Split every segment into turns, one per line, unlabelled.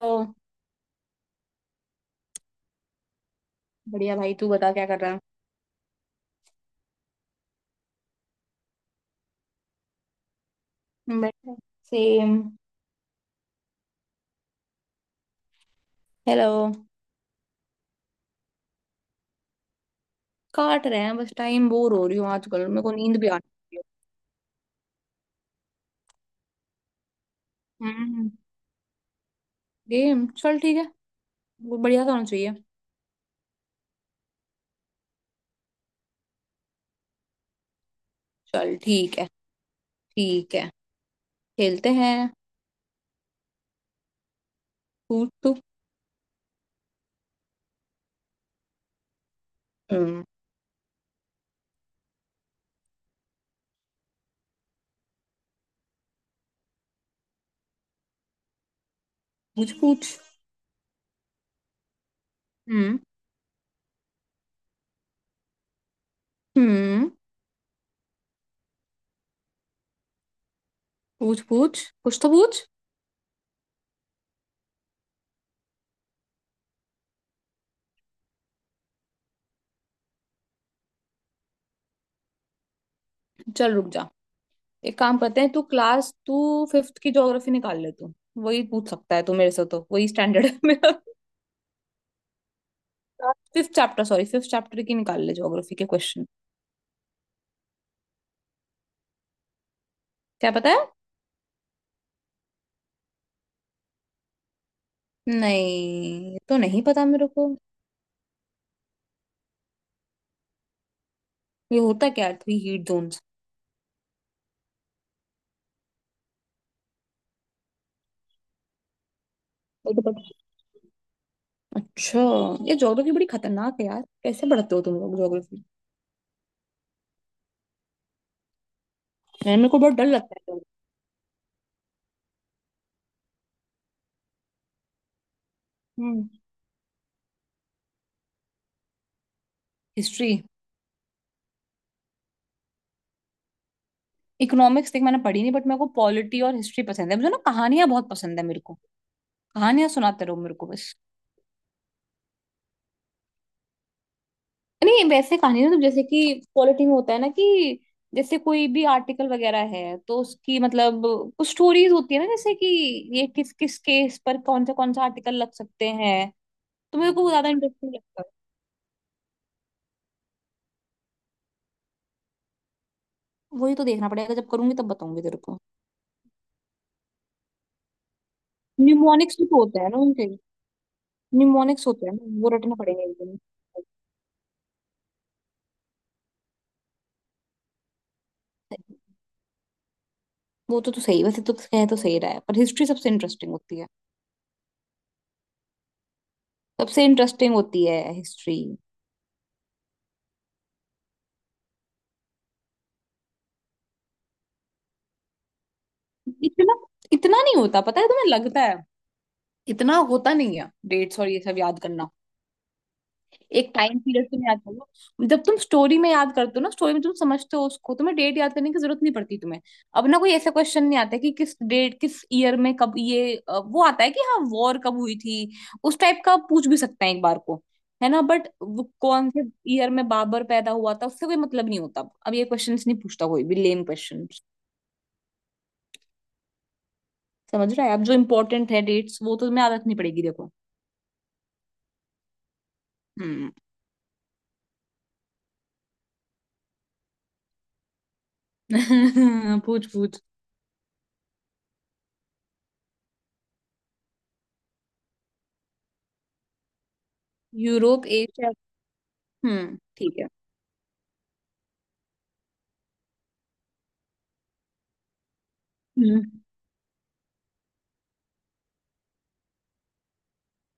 ओ, बढ़िया भाई। तू बता क्या कर रहा है। बैठे। सेम। हेलो। काट रहे हैं बस टाइम। बोर हो रही हूँ आजकल। मेरे को नींद भी आने लगी है। हम्म। गेम चल ठीक है। वो बढ़िया सा होना चाहिए। चल ठीक है। ठीक है, खेलते हैं। पूछ तू। हम्म। पूछ पूछ। हम्म। हम्म। पूछ पूछ, कुछ तो पूछ। चल रुक जा, एक काम करते हैं। तू फिफ्थ की ज्योग्राफी निकाल ले तू। वही पूछ सकता है तू मेरे से, तो वही स्टैंडर्ड है मेरा। फिफ्थ चैप्टर की निकाल ले ज्योग्राफी के क्वेश्चन। क्या पता है। नहीं, ये तो नहीं पता मेरे को। ये होता क्या है थ्री हीट जोन्स। तो पता। अच्छा। ये ज्योग्राफी बड़ी खतरनाक है यार, कैसे पढ़ते हो तुम लोग ज्योग्राफी। मैंने मेरे को बहुत डर लगता है geography। हम्म। हिस्ट्री। इकोनॉमिक्स देख मैंने पढ़ी नहीं, बट मेरे को पॉलिटी और हिस्ट्री पसंद है। मुझे ना कहानियां बहुत पसंद है मेरे को। कहानियां सुनाते रहो मेरे को बस। नहीं, वैसे कहानी ना, तो जैसे कि पॉलिटी में होता है ना कि, जैसे कोई भी आर्टिकल वगैरह है तो उसकी मतलब कुछ स्टोरीज होती है ना, जैसे कि ये किस किस केस पर कौन सा आर्टिकल लग सकते हैं। तो मेरे को वो ज्यादा इंटरेस्टिंग लगता है। वही तो देखना पड़ेगा, जब करूंगी तब बताऊंगी तेरे को। न्यूमोनिक्स भी तो होता है ना उनके। न्यूमोनिक्स होते हैं ना, वो रटना पड़ेगा एक दिन। वो तो सही, वैसे तो कह तो सही रहा है, पर हिस्ट्री सबसे इंटरेस्टिंग होती है। सबसे इंटरेस्टिंग होती है हिस्ट्री। इतना इतना नहीं होता, पता है तुम्हें, लगता है इतना होता नहीं है डेट्स और ये सब याद करना। एक टाइम पीरियड तुम याद कर लो, जब तुम स्टोरी में याद करते हो ना, स्टोरी में तुम समझते हो उसको, तुम्हें डेट याद करने की जरूरत नहीं पड़ती तुम्हें। अब ना कोई ऐसा क्वेश्चन नहीं आता कि किस डेट किस ईयर में कब ये वो आता है कि हाँ वॉर कब हुई थी, उस टाइप का पूछ भी सकते हैं एक बार को, है ना। बट कौन से ईयर में बाबर पैदा हुआ था उससे कोई मतलब नहीं होता। अब ये क्वेश्चंस नहीं पूछता कोई भी लेम क्वेश्चन। समझ रहा है। अब जो इम्पोर्टेंट है डेट्स वो तो तुम्हें याद रखनी पड़ेगी देखो। हम्म। पूछ पूछ। यूरोप एशिया, ठीक है। हम्म।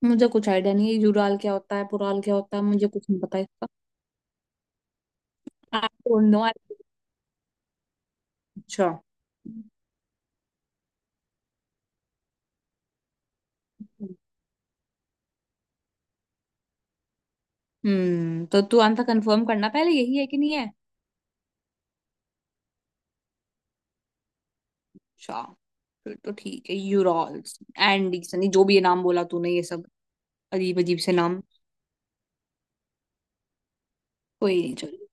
मुझे कुछ आइडिया नहीं है, यूराल क्या होता है पुराल क्या होता है, मुझे कुछ नहीं पता इसका। I don't know. अच्छा। हम्म, तो तू आंसर कंफर्म करना पहले, यही है कि नहीं है। अच्छा, फिर तो ठीक है। यूरॉल्स एंडीज नहीं, जो भी ये नाम बोला तूने ये सब, अजीब अजीब से नाम। कोई नहीं, चलो।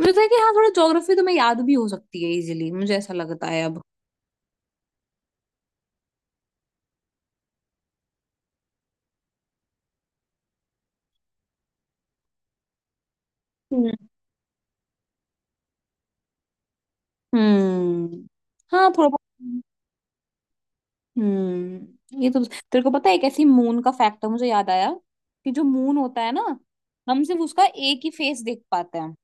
मुझे लगता है कि हाँ थोड़ा ज्योग्राफी तो मैं याद भी हो सकती है इजीली, मुझे ऐसा लगता है अब। हम्म। हम्म। हाँ थोड़ा बहुत। हम्म, ये तो तेरे को पता है, एक ऐसी मून का फैक्ट है मुझे याद आया, कि जो मून होता है ना, हम सिर्फ उसका एक ही फेस देख पाते हैं,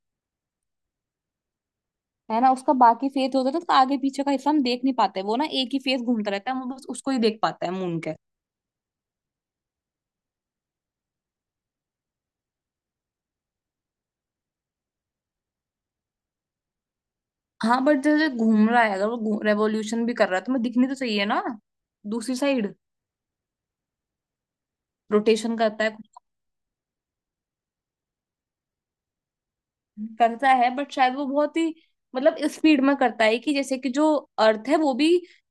है ना। उसका बाकी फेस होता है, तो उसका आगे पीछे का हिस्सा हम देख नहीं पाते। वो ना एक ही फेस घूमता रहता है, हम बस उसको ही देख पाते हैं मून के। हाँ बट जैसे घूम रहा है, अगर वो रेवोल्यूशन भी कर रहा है, तो मैं दिखनी तो चाहिए ना दूसरी साइड। रोटेशन करता है। करता है, बट शायद वो बहुत ही मतलब स्पीड में करता है, कि जैसे कि जो अर्थ है वो भी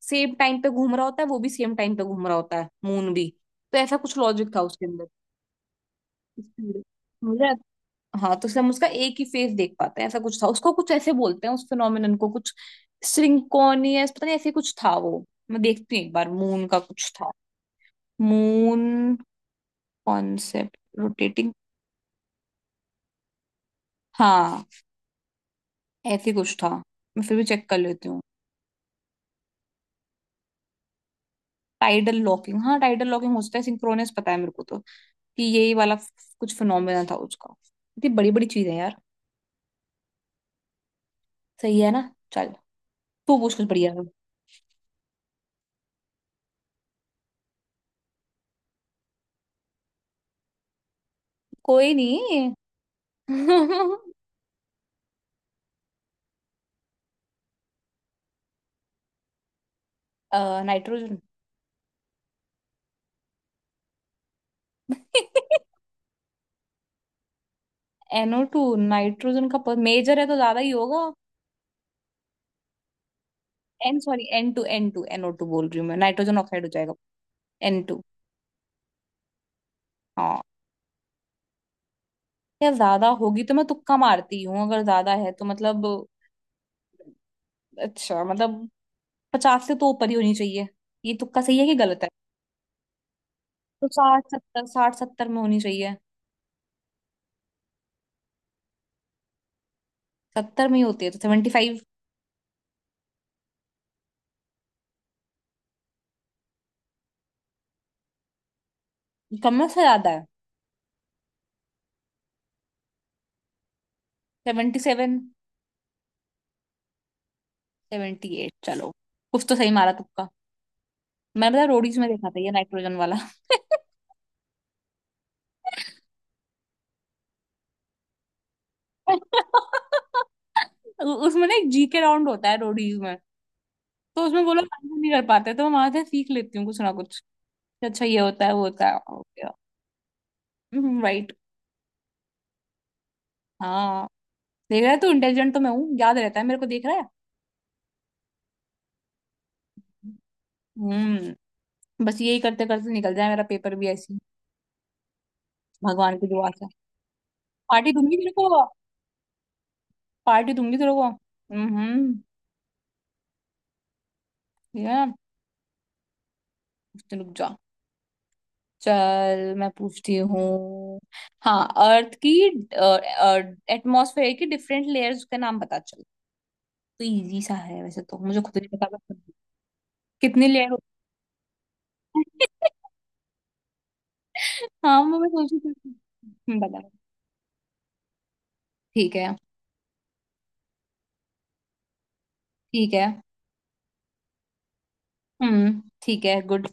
सेम टाइम पे घूम रहा होता है, वो भी सेम टाइम पे घूम रहा होता है मून भी। तो ऐसा कुछ लॉजिक था उसके अंदर। Speed. मुझे। हाँ, तो इसलिए हम उसका एक ही फेस देख पाते हैं। ऐसा कुछ था, उसको कुछ ऐसे बोलते हैं उस फिनोमिनन को कुछ, सिंक्रोनियस पता नहीं, ऐसे कुछ था वो। मैं देखती हूँ एक बार, मून का कुछ था। Moon concept rotating. हाँ, ऐसे कुछ था। मैं फिर भी चेक कर लेती हूँ। टाइडल लॉकिंग, हाँ टाइडल लॉकिंग हो सकता है। सिंक्रोनस पता है मेरे को तो, कि यही वाला कुछ फिनोमेना था उसका। इतनी बड़ी बड़ी चीज है यार। सही है ना। चल, तू पूछ कुछ बढ़िया सा। कोई नहीं। नाइट्रोजन। एनओ टू नाइट्रोजन का मेजर है तो ज्यादा ही होगा। N two N two, NO two बोल रही हूँ मैं, नाइट्रोजन ऑक्साइड हो जाएगा। N to. हाँ। यार ज्यादा होगी तो, मैं तुक्का मारती हूँ, अगर ज्यादा है तो मतलब। अच्छा मतलब, पचास से तो ऊपर ही होनी चाहिए, ये तुक्का सही है कि गलत है। तो साठ सत्तर में होनी चाहिए। सत्तर में ही होती है तो 75। कम में से ज्यादा है। 77। 78, चलो, कुछ तो सही मारा तुक्का। मैंने पता रोडीज में देखा था ये नाइट्रोजन वाला। उसमें ना एक जीके राउंड होता है रोडीज में, तो उसमें वो लोग आंसर नहीं कर पाते तो मैं वहां से सीख लेती हूँ कुछ ना कुछ, कि अच्छा ये होता है वो होता है। ओके। राइट। हाँ, देख रहा है तू, इंटेलिजेंट तो मैं हूँ, याद रहता है मेरे को, देख रहा है। हम्म। बस यही करते करते निकल जाए मेरा पेपर भी ऐसे ही, भगवान की दुआ से। पार्टी दूंगी तेरे को। पार्टी दूंगी तेरे को, हम्म। ठीक है ना, तो रुक जा, चल मैं पूछती हूँ। हाँ, अर्थ की एटमॉस्फेयर की डिफरेंट लेयर्स का नाम बता चल। तो इजी सा है, वैसे तो मुझे खुद नहीं पता था कितनी लेयर होती है। हाँ मैं सोची थी। बता, ठीक है। ठीक है। ठीक है गुड।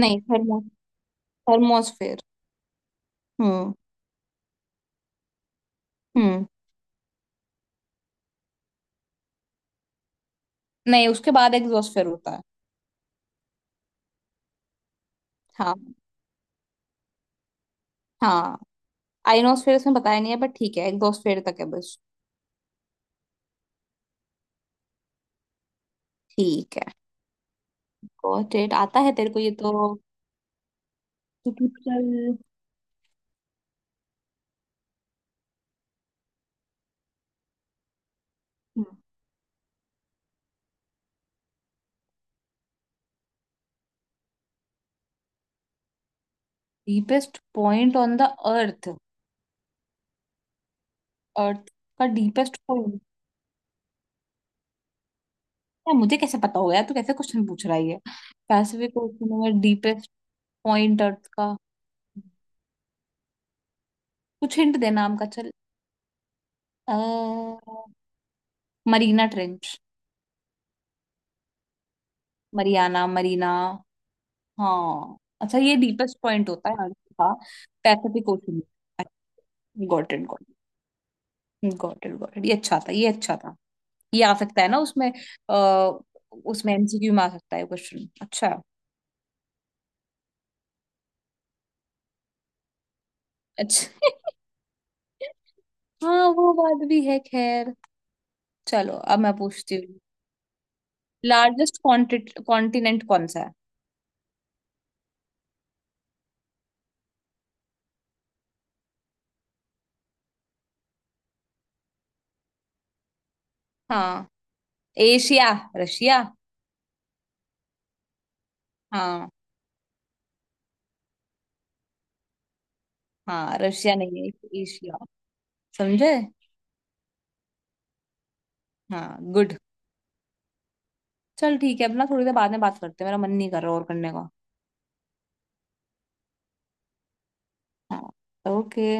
नहीं, थर्मो, थर्मोस्फेयर। हम्म। हम्म। नहीं, उसके बाद एग्जॉस्फेयर होता है। हाँ। हाँ। आइनोस्फेयर उसमें बताया नहीं है, बट ठीक है एग्जोस्फेयर तक है बस। ठीक है। गॉट इट, आता है तेरे को ये तो। Typical. Deepest point on the earth, earth का डीपेस्ट पॉइंट, यार मुझे कैसे पता होगा, यार तू कैसे क्वेश्चन पूछ रहा है ये। पैसिफिक ओशन में डीपेस्ट पॉइंट अर्थ का। कुछ हिंट दे नाम का चल। Marina trench. मरियाना मरीना, हाँ। अच्छा, ये डीपेस्ट पॉइंट होता है अर्थ का, Pacific Ocean. Got it got it got it got it, ये अच्छा था, ये अच्छा था। ये आ सकता है ना उसमें, आ, उसमें एमसीक्यू में आ सकता है क्वेश्चन। अच्छा, अच्छा। हाँ, वो बात भी है खैर। चलो, अब मैं पूछती हूँ। लार्जेस्ट कॉन्टिनेंट कौन सा है। हाँ, एशिया। रशिया। हाँ। हाँ रशिया नहीं है, एशिया। समझे। हाँ गुड। चल ठीक है, अपना थोड़ी देर बाद में बात करते हैं, मेरा मन नहीं कर रहा और करने का। हाँ। ओके।